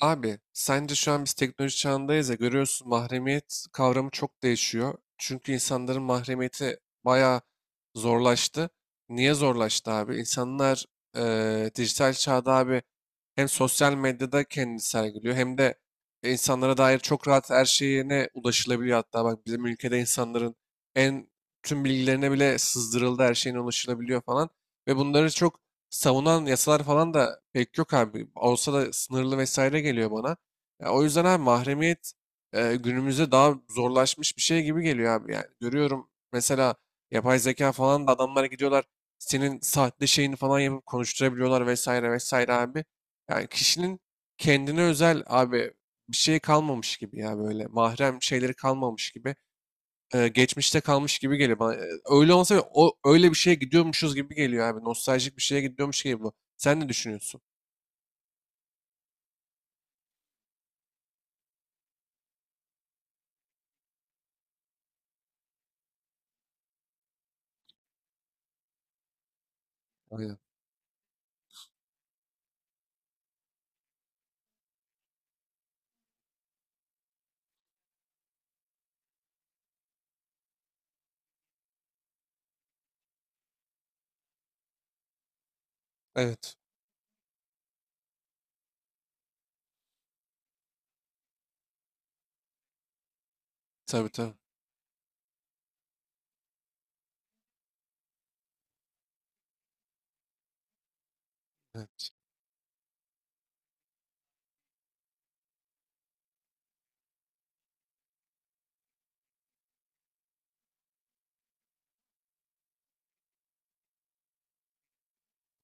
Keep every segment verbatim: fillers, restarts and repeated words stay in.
Abi sence şu an biz teknoloji çağındayız ya, görüyorsun, mahremiyet kavramı çok değişiyor. Çünkü insanların mahremiyeti bayağı zorlaştı. Niye zorlaştı abi? İnsanlar eee, dijital çağda abi hem sosyal medyada kendini sergiliyor hem de insanlara dair çok rahat her şeyine ulaşılabiliyor. Hatta bak, bizim ülkede insanların en tüm bilgilerine bile sızdırıldı, her şeyine ulaşılabiliyor falan. Ve bunları çok savunan yasalar falan da pek yok abi. Olsa da sınırlı vesaire geliyor bana. Ya o yüzden abi, mahremiyet e, günümüzde daha zorlaşmış bir şey gibi geliyor abi yani. Görüyorum mesela, yapay zeka falan da, adamlara gidiyorlar, senin sahte şeyini falan yapıp konuşturabiliyorlar vesaire vesaire abi. Yani kişinin kendine özel abi bir şey kalmamış gibi, ya böyle mahrem şeyleri kalmamış gibi, e, geçmişte kalmış gibi geliyor bana. E, Öyle olsa bile o, öyle bir şeye gidiyormuşuz gibi geliyor abi. Nostaljik bir şeye gidiyormuş gibi bu. Sen ne düşünüyorsun? Aynen. Evet. Tabii tabii. Evet.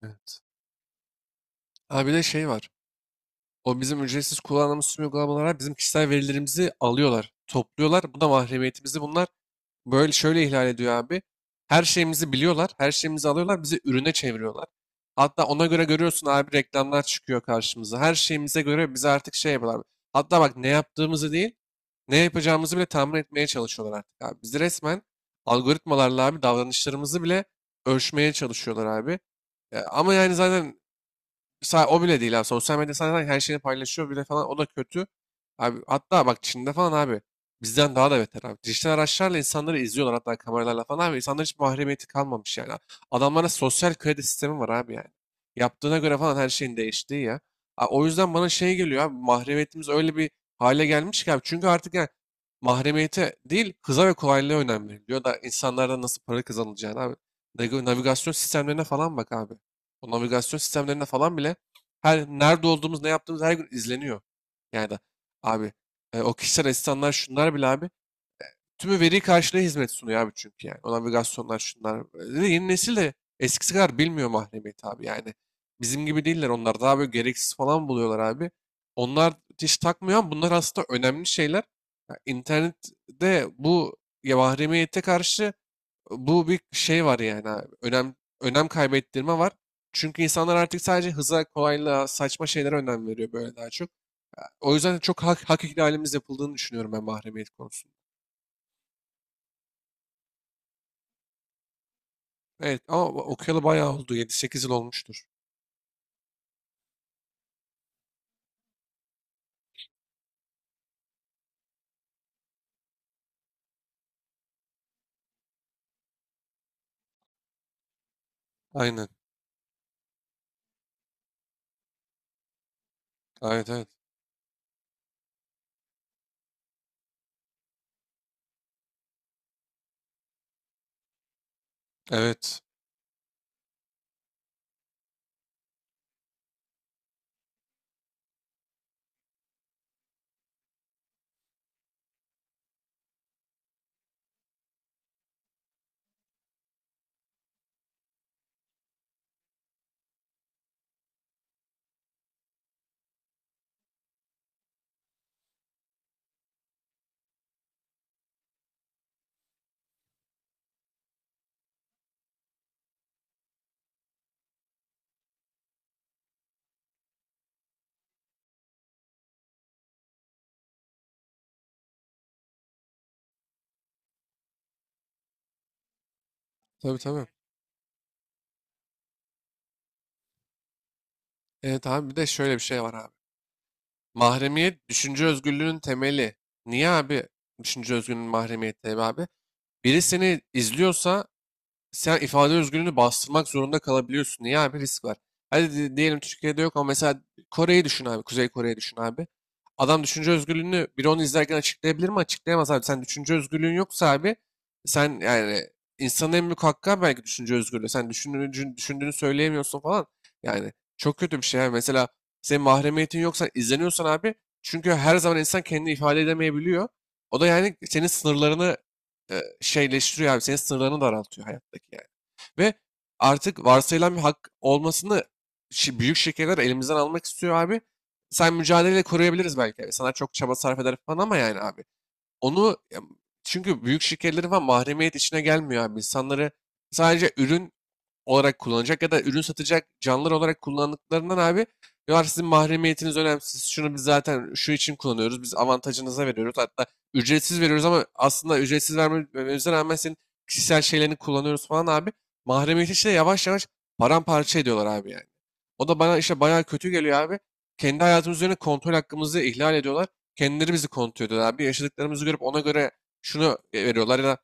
Evet. Abi bir de şey var. O bizim ücretsiz kullandığımız tüm uygulamalara bizim kişisel verilerimizi alıyorlar, topluyorlar. Bu da mahremiyetimizi, bunlar böyle şöyle ihlal ediyor abi. Her şeyimizi biliyorlar, her şeyimizi alıyorlar, bizi ürüne çeviriyorlar. Hatta ona göre görüyorsun abi, reklamlar çıkıyor karşımıza. Her şeyimize göre bize artık şey yapıyorlar. Hatta bak, ne yaptığımızı değil, ne yapacağımızı bile tahmin etmeye çalışıyorlar artık abi. Bizi resmen algoritmalarla abi davranışlarımızı bile ölçmeye çalışıyorlar abi. E, Ama yani zaten Sa- o bile değil abi. Sosyal medyada zaten her şeyini paylaşıyor bile falan. O da kötü. Abi hatta bak, Çin'de falan abi bizden daha da beter abi. Dijital araçlarla insanları izliyorlar, hatta kameralarla falan abi. İnsanların hiç mahremiyeti kalmamış yani. Adamlara sosyal kredi sistemi var abi yani. Yaptığına göre falan her şeyin değiştiği ya. A- O yüzden bana şey geliyor abi, mahremiyetimiz öyle bir hale gelmiş ki abi. Çünkü artık yani mahremiyete değil, hıza ve kolaylığa önem veriliyor da insanlardan nasıl para kazanılacağını abi. Nag- Navigasyon sistemlerine falan bak abi. O navigasyon sistemlerine falan bile her nerede olduğumuz, ne yaptığımız her gün izleniyor. Yani da abi e, o kişisel asistanlar şunlar bile abi tümü veri karşılığı hizmet sunuyor abi, çünkü yani. O navigasyonlar şunlar. E, Yeni nesil de eskisi kadar bilmiyor mahremiyeti abi yani. Bizim gibi değiller, onlar daha böyle gereksiz falan buluyorlar abi. Onlar hiç takmıyor ama bunlar aslında önemli şeyler. Ya internette bu, ya mahremiyete karşı bu bir şey var yani abi. Önem, önem kaybettirme var. Çünkü insanlar artık sadece hıza, kolaylığa, saçma şeylere önem veriyor böyle daha çok. O yüzden çok hak, hak ihlalimiz yapıldığını düşünüyorum ben mahremiyet konusunda. Evet ama o- okuyalı bayağı oldu. Yedi sekiz yıl olmuştur. Aynen. Evet evet. Evet. Tabii tabii. Evet abi, bir de şöyle bir şey var abi. Mahremiyet düşünce özgürlüğünün temeli. Niye abi düşünce özgürlüğünün mahremiyeti abi? Biri seni izliyorsa sen ifade özgürlüğünü bastırmak zorunda kalabiliyorsun. Niye abi? Risk var. Hadi di- diyelim Türkiye'de yok, ama mesela Kore'yi düşün abi. Kuzey Kore'yi düşün abi. Adam düşünce özgürlüğünü biri onu izlerken açıklayabilir mi? Açıklayamaz abi. Sen düşünce özgürlüğün yoksa abi, sen yani, insanın en büyük hakkı abi belki düşünce özgürlüğü. Sen düşündüğünü, düşün- düşündüğünü söyleyemiyorsun falan. Yani çok kötü bir şey abi. Mesela senin mahremiyetin yoksa, izleniyorsan abi, çünkü her zaman insan kendini ifade edemeyebiliyor. O da yani senin sınırlarını e, şeyleştiriyor abi. Senin sınırlarını daraltıyor hayattaki yani. Ve artık varsayılan bir hak olmasını şi- büyük şirketler elimizden almak istiyor abi. Sen mücadeleyle koruyabiliriz belki. İnsanlar çok çaba sarf eder falan ama yani abi. Onu ya, çünkü büyük şirketlerin falan mahremiyet içine gelmiyor abi. İnsanları sadece ürün olarak kullanacak ya da ürün satacak canlılar olarak kullandıklarından abi diyorlar sizin mahremiyetiniz önemsiz. Şunu biz zaten şu için kullanıyoruz. Biz avantajınıza veriyoruz. Hatta ücretsiz veriyoruz ama aslında ücretsiz vermemize rağmen senin kişisel şeylerini kullanıyoruz falan abi. Mahremiyeti işte yavaş yavaş paramparça ediyorlar abi yani. O da bana işte bayağı kötü geliyor abi. Kendi hayatımız üzerine kontrol hakkımızı ihlal ediyorlar. Kendileri bizi kontrol ediyorlar abi. Yaşadıklarımızı görüp ona göre şunu veriyorlar ya da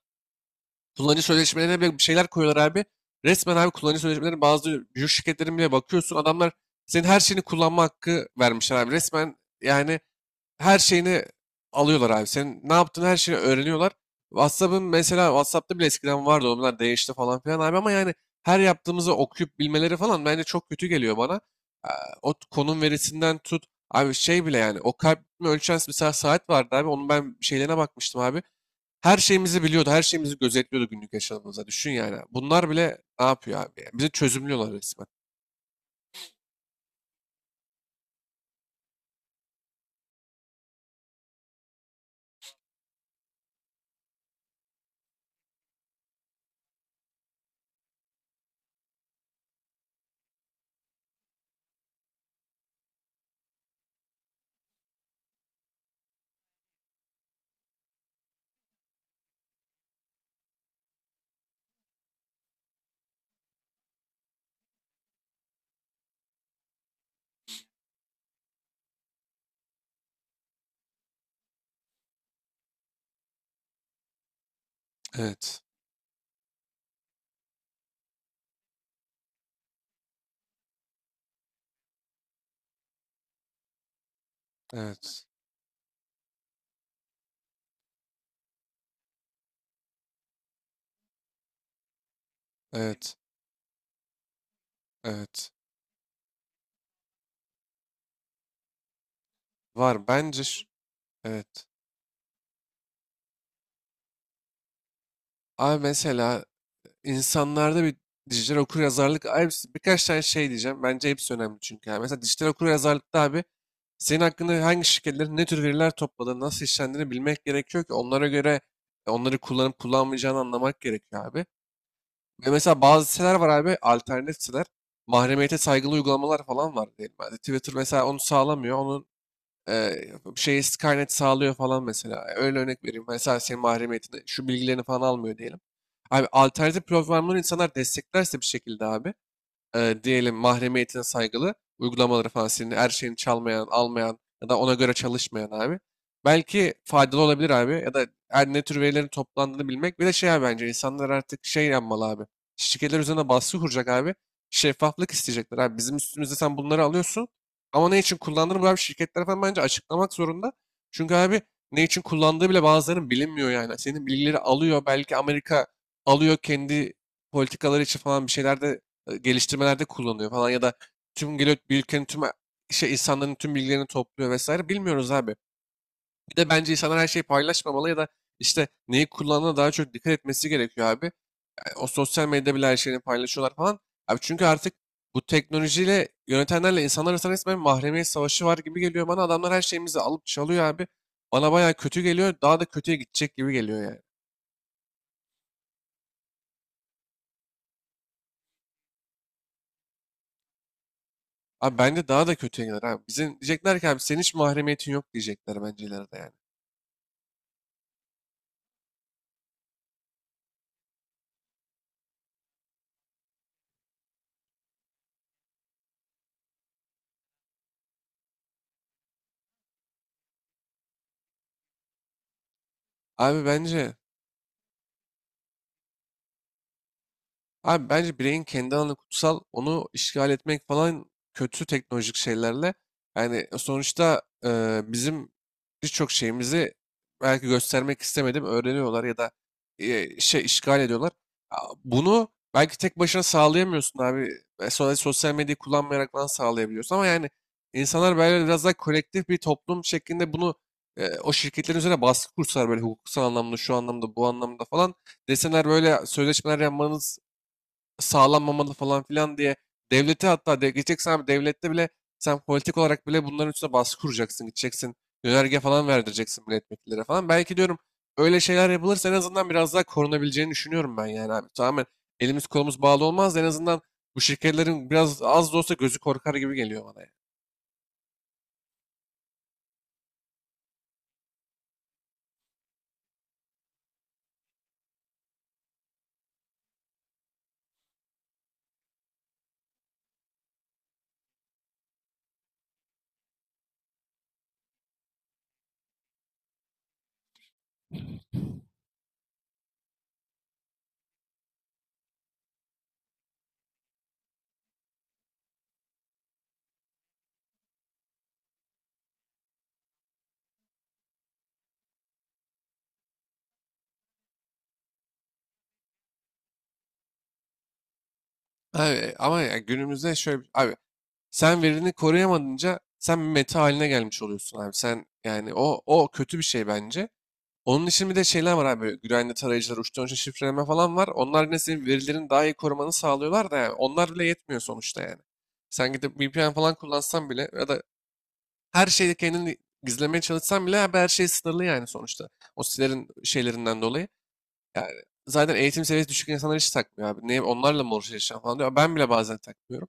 kullanıcı sözleşmelerine bile bir şeyler koyuyorlar abi. Resmen abi, kullanıcı sözleşmelerine bazı büyük şirketlerin bile bakıyorsun. Adamlar senin her şeyini kullanma hakkı vermişler abi. Resmen yani her şeyini alıyorlar abi. Senin ne yaptığını, her şeyi öğreniyorlar. WhatsApp'ın mesela, WhatsApp'ta bile eskiden vardı, onlar değişti falan filan abi, ama yani her yaptığımızı okuyup bilmeleri falan bence çok kötü geliyor bana. Ee, O konum verisinden tut. Abi şey bile, yani o kalp ritmi ölçen mesela saat vardı abi. Onun ben şeylerine bakmıştım abi. Her şeyimizi biliyordu, her şeyimizi gözetliyordu günlük yaşamımıza. Düşün yani. Bunlar bile ne yapıyor abi? Ya? Bizi çözümlüyorlar resmen. Evet, evet, evet, evet. Var bence. ş- Evet. Abi mesela, insanlarda bir dijital okuryazarlık abi, birkaç tane şey diyeceğim. Bence hepsi önemli çünkü. Yani. Mesela dijital okuryazarlıkta abi, senin hakkında hangi şirketlerin ne tür veriler topladığını, nasıl işlendiğini bilmek gerekiyor ki onlara göre onları kullanıp kullanmayacağını anlamak gerekiyor abi. Ve mesela bazı siteler var abi, alternatif siteler. Mahremiyete saygılı uygulamalar falan var diyelim. Yani Twitter mesela onu sağlamıyor. Onun e, şeyi Skynet sağlıyor falan mesela. E, Öyle örnek vereyim. Mesela senin mahremiyetini, şu bilgilerini falan almıyor diyelim. Abi alternatif platformları insanlar desteklerse bir şekilde abi, e, diyelim mahremiyetine saygılı uygulamaları falan, senin her şeyini çalmayan, almayan ya da ona göre çalışmayan abi. Belki faydalı olabilir abi, ya da her ne tür verilerin toplandığını bilmek. Bir de şey abi, bence insanlar artık şey yapmalı abi. Şirketler üzerine baskı kuracak abi. Şeffaflık isteyecekler abi. Bizim üstümüzde sen bunları alıyorsun ama ne için kullandığını bu abi şirketler falan bence açıklamak zorunda. Çünkü abi, ne için kullandığı bile bazılarının bilinmiyor yani. Senin bilgileri alıyor belki Amerika, alıyor kendi politikaları için falan bir şeyler de e, geliştirmelerde kullanıyor falan, ya da tüm geliyor bir ülkenin tüm e, şey insanların tüm bilgilerini topluyor vesaire, bilmiyoruz abi. Bir de bence insanlar her şeyi paylaşmamalı, ya da işte neyi kullandığına daha çok dikkat etmesi gerekiyor abi. Yani o sosyal medyada bile her şeyini paylaşıyorlar falan. Abi çünkü artık bu teknolojiyle yönetenlerle insanlar arasında resmen mahremiyet savaşı var gibi geliyor bana. Adamlar her şeyimizi alıp çalıyor abi. Bana bayağı kötü geliyor. Daha da kötüye gidecek gibi geliyor yani. Abi bence daha da kötüye gider abi. Bizim diyecekler ki abi, senin hiç mahremiyetin yok diyecekler bence ileride yani. Abi bence Abi bence bireyin kendi alanı kutsal. Onu işgal etmek falan, kötü teknolojik şeylerle. Yani e, sonuçta e, bizim birçok şeyimizi belki göstermek istemedim öğreniyorlar ya da e, şey işgal ediyorlar. A- Bunu belki tek başına sağlayamıyorsun abi. E, Sonra sosyal medyayı kullanmayarak falan sağlayabiliyorsun. Ama yani insanlar böyle biraz daha kolektif bir toplum şeklinde bunu e, o şirketlerin üzerine baskı kursalar böyle hukuksal anlamda, şu anlamda, bu anlamda falan, deseler böyle sözleşmeler yapmanız sağlanmamalı falan filan diye, devleti hatta de, gideceksen abi devlette bile sen politik olarak bile bunların üstüne baskı kuracaksın. Gideceksin yönerge falan verdireceksin milletvekillere falan. Belki diyorum, öyle şeyler yapılırsa en azından biraz daha korunabileceğini düşünüyorum ben yani abi. Tamamen elimiz kolumuz bağlı olmaz da en azından bu şirketlerin biraz az da olsa gözü korkar gibi geliyor bana yani. Abi, ama ya günümüzde şöyle bir- abi, sen verini koruyamadınca sen bir meta haline gelmiş oluyorsun abi. Sen yani o, o kötü bir şey bence. Onun için bir de şeyler var abi. Güvenli tarayıcılar, uçtan uca şifreleme falan var. Onlar yine senin verilerini daha iyi korumanı sağlıyorlar da yani. Onlar bile yetmiyor sonuçta yani. Sen gidip V P N falan kullansan bile ya da her şeyi kendini gizlemeye çalışsan bile abi, her şey sınırlı yani sonuçta. O sitelerin şeylerinden dolayı. Yani zaten eğitim seviyesi düşük insanlar hiç takmıyor abi. Ne, onlarla mı uğraşacağım falan diyor. Ben bile bazen takmıyorum.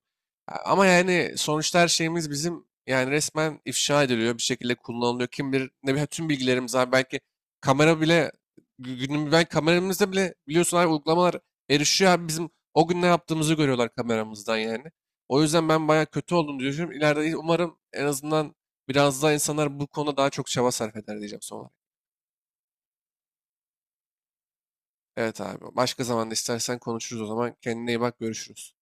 A- Ama yani sonuçta her şeyimiz bizim yani resmen ifşa ediliyor. Bir şekilde kullanılıyor. Kim bilir, ne bileyim, tüm bilgilerimiz abi. Belki kamera bile gü- günüm ben, kameramızda bile biliyorsun abi uygulamalar erişiyor abi. Bizim o gün ne yaptığımızı görüyorlar kameramızdan yani. O yüzden ben bayağı kötü oldum diyorum. İleride umarım en azından biraz daha insanlar bu konuda daha çok çaba sarf eder diyeceğim sonra. Evet abi. Başka zaman da istersen konuşuruz o zaman. Kendine iyi bak. Görüşürüz.